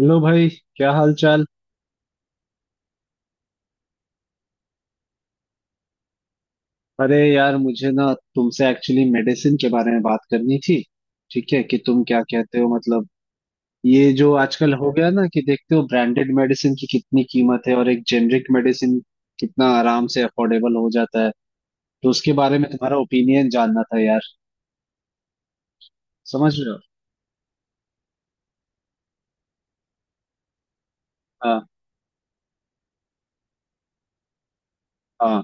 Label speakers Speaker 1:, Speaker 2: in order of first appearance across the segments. Speaker 1: Hello भाई। क्या हाल चाल। अरे यार मुझे ना तुमसे एक्चुअली मेडिसिन के बारे में बात करनी थी। ठीक है कि तुम क्या कहते हो मतलब ये जो आजकल हो गया ना कि देखते हो ब्रांडेड मेडिसिन की कितनी कीमत है और एक जेनरिक मेडिसिन कितना आराम से अफोर्डेबल हो जाता है। तो उसके बारे में तुम्हारा ओपिनियन जानना था यार। समझ रहे हो। हाँ, हाँ,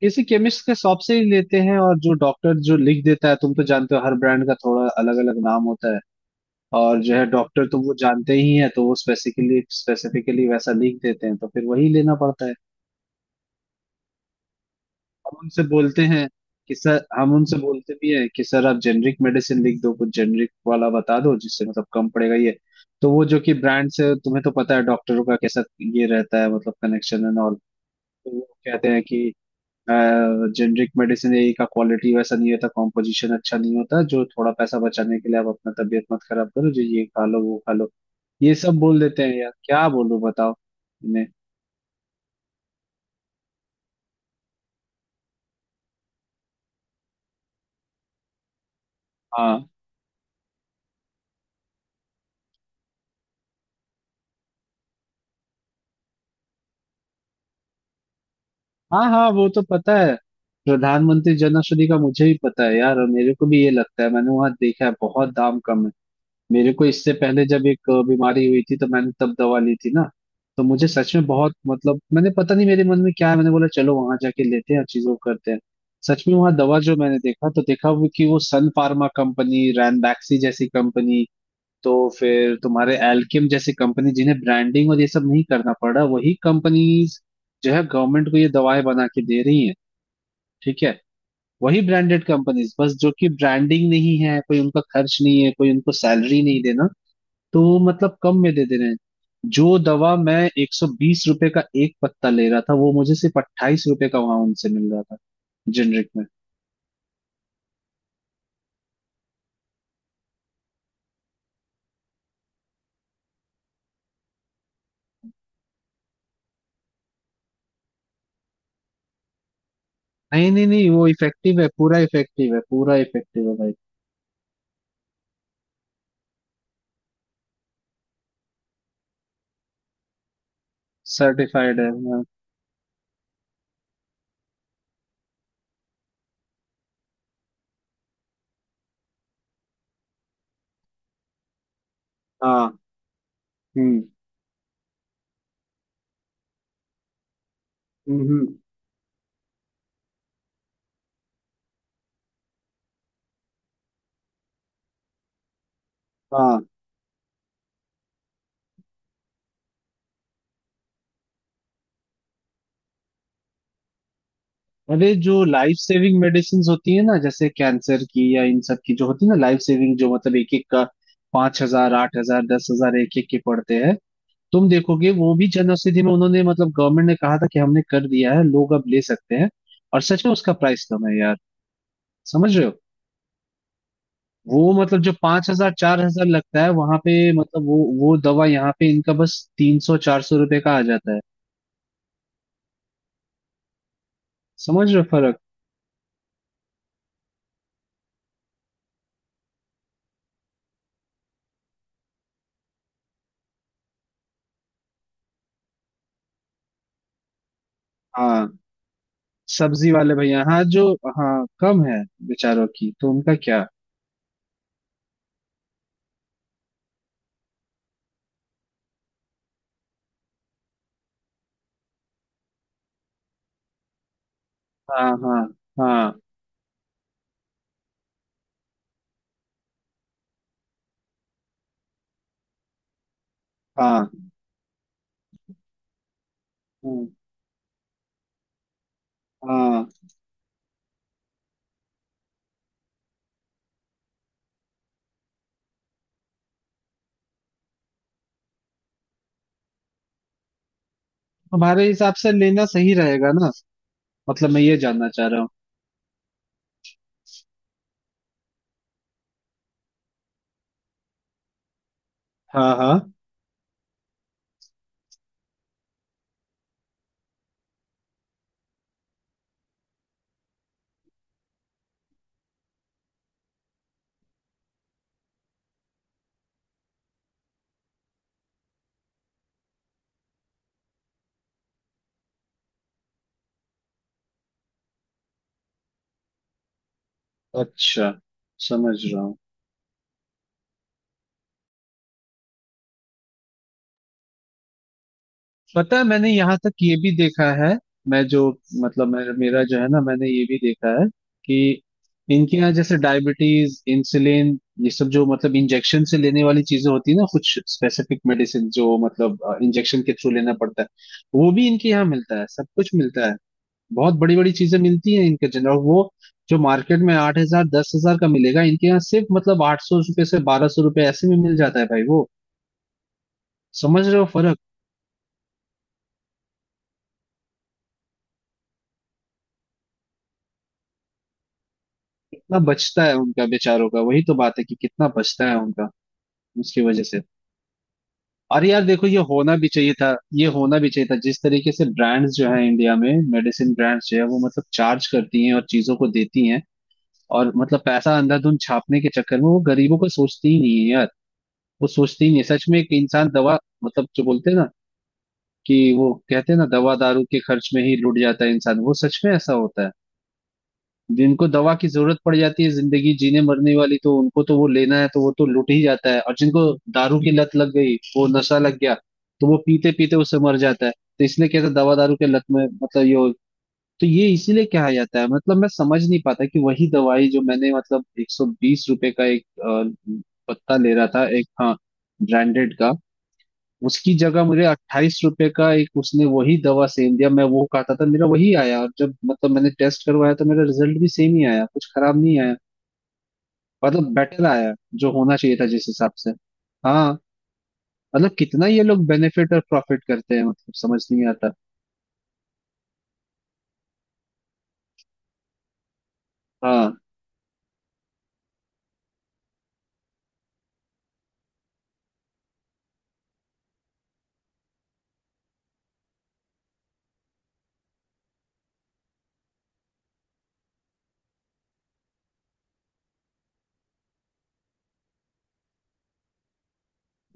Speaker 1: किसी केमिस्ट के शॉप से ही लेते हैं और जो डॉक्टर जो लिख देता है तुम तो जानते हो हर ब्रांड का थोड़ा अलग अलग नाम होता है। और जो है डॉक्टर तो वो जानते ही हैं, तो वो स्पेसिफिकली स्पेसिफिकली वैसा लिख देते हैं तो फिर वही लेना पड़ता है। हम उनसे बोलते हैं कि सर, हम उनसे बोलते भी हैं कि सर आप जेनरिक मेडिसिन लिख दो, कुछ जेनरिक वाला बता दो जिससे मतलब कम पड़ेगा ये। तो वो जो कि ब्रांड से तुम्हें तो पता है डॉक्टरों का कैसा ये रहता है मतलब कनेक्शन एंड ऑल। तो वो कहते हैं कि जेनरिक मेडिसिन यही का क्वालिटी वैसा नहीं होता, कॉम्पोजिशन अच्छा नहीं होता, जो थोड़ा पैसा बचाने के लिए आप अपना तबीयत मत खराब करो, जो ये खा लो वो खा लो। ये सब बोल देते हैं यार क्या बोलूं बताओ इन्हें। हाँ हाँ हाँ, वो तो पता है। प्रधानमंत्री जन औषधि का मुझे भी पता है यार, और मेरे को भी ये लगता है, मैंने वहां देखा है बहुत दाम कम है। मेरे को इससे पहले जब एक बीमारी हुई थी तो मैंने तब दवा ली थी ना। तो मुझे सच में बहुत मतलब मैंने पता नहीं मेरे मन में क्या है, मैंने बोला चलो वहां जाके लेते हैं और चीजों को करते हैं। सच में वहां दवा जो मैंने देखा तो देखा वो कि वो सन फार्मा कंपनी, रैनबैक्सी जैसी कंपनी, तो फिर तुम्हारे एल्केम जैसी कंपनी जिन्हें ब्रांडिंग और ये सब नहीं करना पड़ रहा, वही कंपनीज जो है गवर्नमेंट को ये दवाएं बना के दे रही हैं। ठीक है। वही ब्रांडेड कंपनीज बस जो कि ब्रांडिंग नहीं है कोई, उनका खर्च नहीं है कोई, उनको सैलरी नहीं देना, तो वो मतलब कम में दे दे रहे हैं। जो दवा मैं 120 रुपए का एक पत्ता ले रहा था वो मुझे सिर्फ 28 रुपए का वहां उनसे मिल रहा था, जेनरिक में। नहीं नहीं नहीं, वो इफेक्टिव है, पूरा इफेक्टिव है, पूरा इफेक्टिव है भाई। सर्टिफाइड है हाँ। हाँ, हम्म हम्म, हाँ। अरे जो लाइफ सेविंग मेडिसिन होती है ना जैसे कैंसर की या इन सब की जो होती है ना, लाइफ सेविंग, जो मतलब एक एक का 5,000, 8,000, 10,000 एक एक के पड़ते हैं। तुम देखोगे वो भी जन औषधि में उन्होंने मतलब गवर्नमेंट ने कहा था कि हमने कर दिया है, लोग अब ले सकते हैं। और सच में उसका प्राइस कम है यार। समझ रहे हो, वो मतलब जो 5,000, 4,000 लगता है वहां पे, मतलब वो दवा यहाँ पे इनका बस 300, 400 रुपए का आ जाता है। समझ रहे हो फर्क। हाँ, सब्जी वाले भैया, हाँ जो हाँ कम है, बेचारों की तो उनका क्या। हाँ हाँ हाँ हाँ हाँ हाँ, हमारे हिसाब से लेना सही रहेगा ना, मतलब मैं ये जानना चाह रहा हूँ। हाँ हाँ। अच्छा, समझ रहा हूँ। पता है मैंने यहाँ तक ये भी देखा है, मैं जो मतलब मेरा मेरा जो है ना, मैंने ये भी देखा है कि इनके यहाँ जैसे डायबिटीज, इंसुलिन, ये सब जो मतलब इंजेक्शन से लेने वाली चीजें होती है ना, कुछ स्पेसिफिक मेडिसिन जो मतलब इंजेक्शन के थ्रू लेना पड़ता है, वो भी इनके यहाँ मिलता है, सब कुछ मिलता है। बहुत बड़ी बड़ी चीजें मिलती हैं इनके जन और वो, जो मार्केट में 8,000, 10,000 का मिलेगा इनके यहाँ सिर्फ मतलब 800 रुपये से 1,200 रुपये ऐसे में मिल जाता है भाई वो। समझ रहे हो फर्क, कितना बचता है उनका बेचारों का, वही तो बात है कि कितना बचता है उनका, उसकी वजह से। और यार देखो, ये होना भी चाहिए था, ये होना भी चाहिए था, जिस तरीके से ब्रांड्स जो है इंडिया में, मेडिसिन ब्रांड्स जो है वो मतलब चार्ज करती हैं और चीजों को देती हैं, और मतलब पैसा अंधाधुंध छापने के चक्कर में वो गरीबों को सोचती ही नहीं है यार। वो सोचती ही नहीं है। सच में एक इंसान दवा, मतलब जो बोलते हैं ना कि वो कहते हैं ना, दवा दारू के खर्च में ही लुट जाता है इंसान, वो सच में ऐसा होता है। जिनको दवा की जरूरत पड़ जाती है जिंदगी जीने मरने वाली, तो उनको तो वो लेना है तो वो तो लूट ही जाता है, और जिनको दारू की लत लग गई वो नशा लग गया तो वो पीते पीते उससे मर जाता है। तो इसलिए कहते हैं, दवा दारू के लत में मतलब तो ये इसीलिए कहा जाता है। मतलब मैं समझ नहीं पाता कि वही दवाई जो मैंने मतलब 120 रुपए का एक पत्ता ले रहा था एक, हाँ, ब्रांडेड का, उसकी जगह मुझे 28 रुपए का एक उसने वही दवा सेम दिया, मैं वो खाता था, मेरा वही आया और जब मतलब मैंने टेस्ट करवाया तो मेरा रिजल्ट भी सेम ही आया, कुछ खराब नहीं आया, मतलब बेटर आया, जो होना चाहिए था जिस हिसाब से। हाँ, मतलब कितना ये लोग बेनिफिट और प्रॉफिट करते हैं, मतलब समझ नहीं आता। हाँ,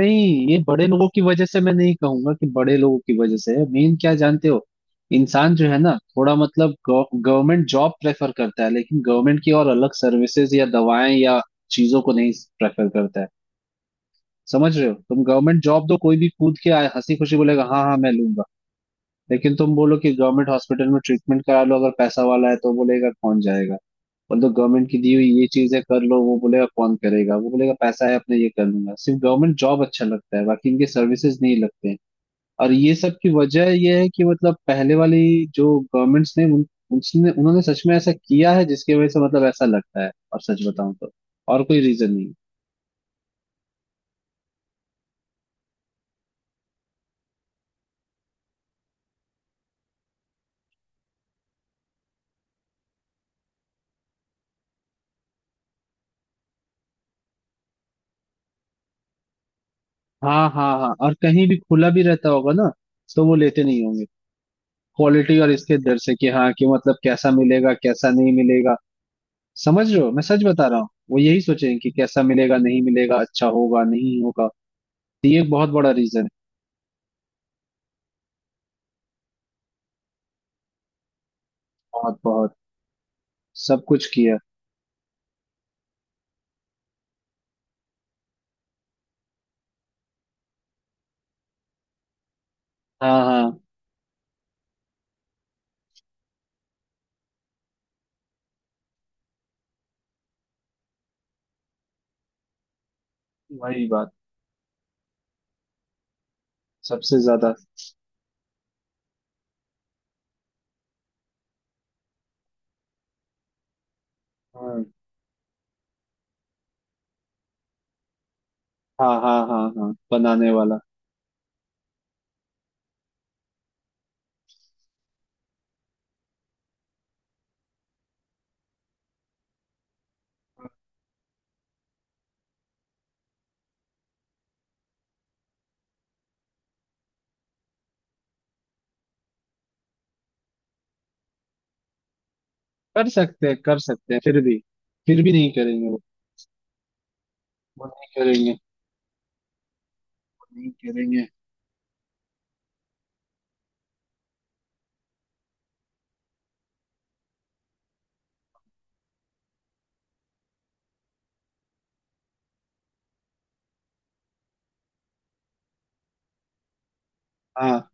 Speaker 1: नहीं ये बड़े लोगों की वजह से मैं नहीं कहूंगा कि बड़े लोगों की वजह से है, मेन क्या जानते हो, इंसान जो है ना थोड़ा मतलब गवर्नमेंट जॉब प्रेफर करता है लेकिन गवर्नमेंट की और अलग सर्विसेज या दवाएं या चीजों को नहीं प्रेफर करता है। समझ रहे हो, तुम गवर्नमेंट जॉब दो, कोई भी कूद के आए, हंसी खुशी बोलेगा हाँ हाँ मैं लूंगा, लेकिन तुम बोलो कि गवर्नमेंट हॉस्पिटल में ट्रीटमेंट करा लो अगर पैसा वाला है तो बोलेगा कौन जाएगा। मतलब गवर्नमेंट की दी हुई ये चीजें कर लो, वो बोलेगा कौन करेगा, वो बोलेगा पैसा है अपने ये कर लूंगा, सिर्फ गवर्नमेंट जॉब अच्छा लगता है बाकी इनके सर्विसेज नहीं लगते हैं। और ये सब की वजह ये है कि मतलब पहले वाली जो गवर्नमेंट्स ने उसने उन्होंने सच में ऐसा किया है जिसकी वजह से मतलब ऐसा लगता है, और सच बताऊं तो और कोई रीजन नहीं है। हाँ हाँ हाँ, और कहीं भी खुला भी रहता होगा ना तो वो लेते नहीं होंगे क्वालिटी और इसके डर से, कि हाँ कि मतलब कैसा मिलेगा कैसा नहीं मिलेगा। समझ रहे हो, मैं सच बता रहा हूँ, वो यही सोचेंगे कि कैसा मिलेगा नहीं मिलेगा, अच्छा होगा नहीं होगा। तो ये एक बहुत बड़ा रीजन है। बहुत बहुत, सब कुछ किया। हाँ हाँ, वही बात, सबसे ज्यादा। हाँ हाँ हाँ हाँ हाँ, बनाने वाला। कर सकते हैं कर सकते हैं, फिर भी नहीं करेंगे वो नहीं करेंगे, वो नहीं करेंगे। हाँ,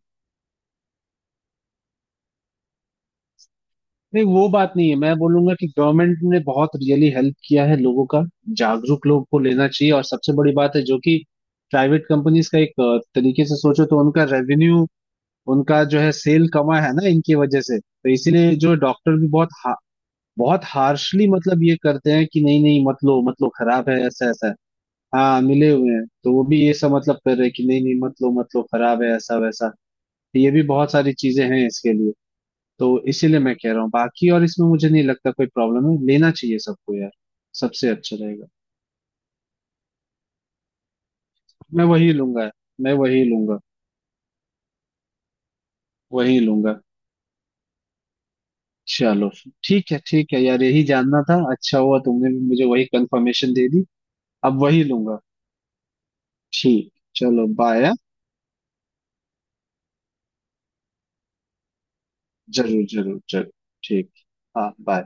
Speaker 1: नहीं वो बात नहीं है, मैं बोलूंगा कि गवर्नमेंट ने बहुत रियली हेल्प किया है लोगों का। जागरूक लोग को लेना चाहिए, और सबसे बड़ी बात है जो कि प्राइवेट कंपनीज का एक तरीके से सोचो तो उनका रेवेन्यू, उनका जो है सेल कमा है ना इनकी वजह से, तो इसीलिए जो डॉक्टर भी बहुत बहुत हार्शली मतलब ये करते हैं कि नहीं नहीं मत लो मत लो, खराब है, ऐसा ऐसा है। हाँ मिले हुए हैं, तो वो भी ये सब मतलब कर रहे हैं कि नहीं नहीं मत लो मत लो, खराब है ऐसा वैसा, ये भी बहुत सारी चीजें हैं इसके लिए। तो इसीलिए मैं कह रहा हूँ, बाकी और इसमें मुझे नहीं लगता कोई प्रॉब्लम है, लेना चाहिए सबको यार, सबसे अच्छा रहेगा। मैं वही लूंगा, मैं वही लूंगा, वही लूंगा। चलो, ठीक है यार, यही जानना था, अच्छा हुआ तुमने भी मुझे वही कंफर्मेशन दे दी। अब वही लूंगा। ठीक। चलो बाय। जरूर जरूर जरूर, ठीक, हाँ बाय।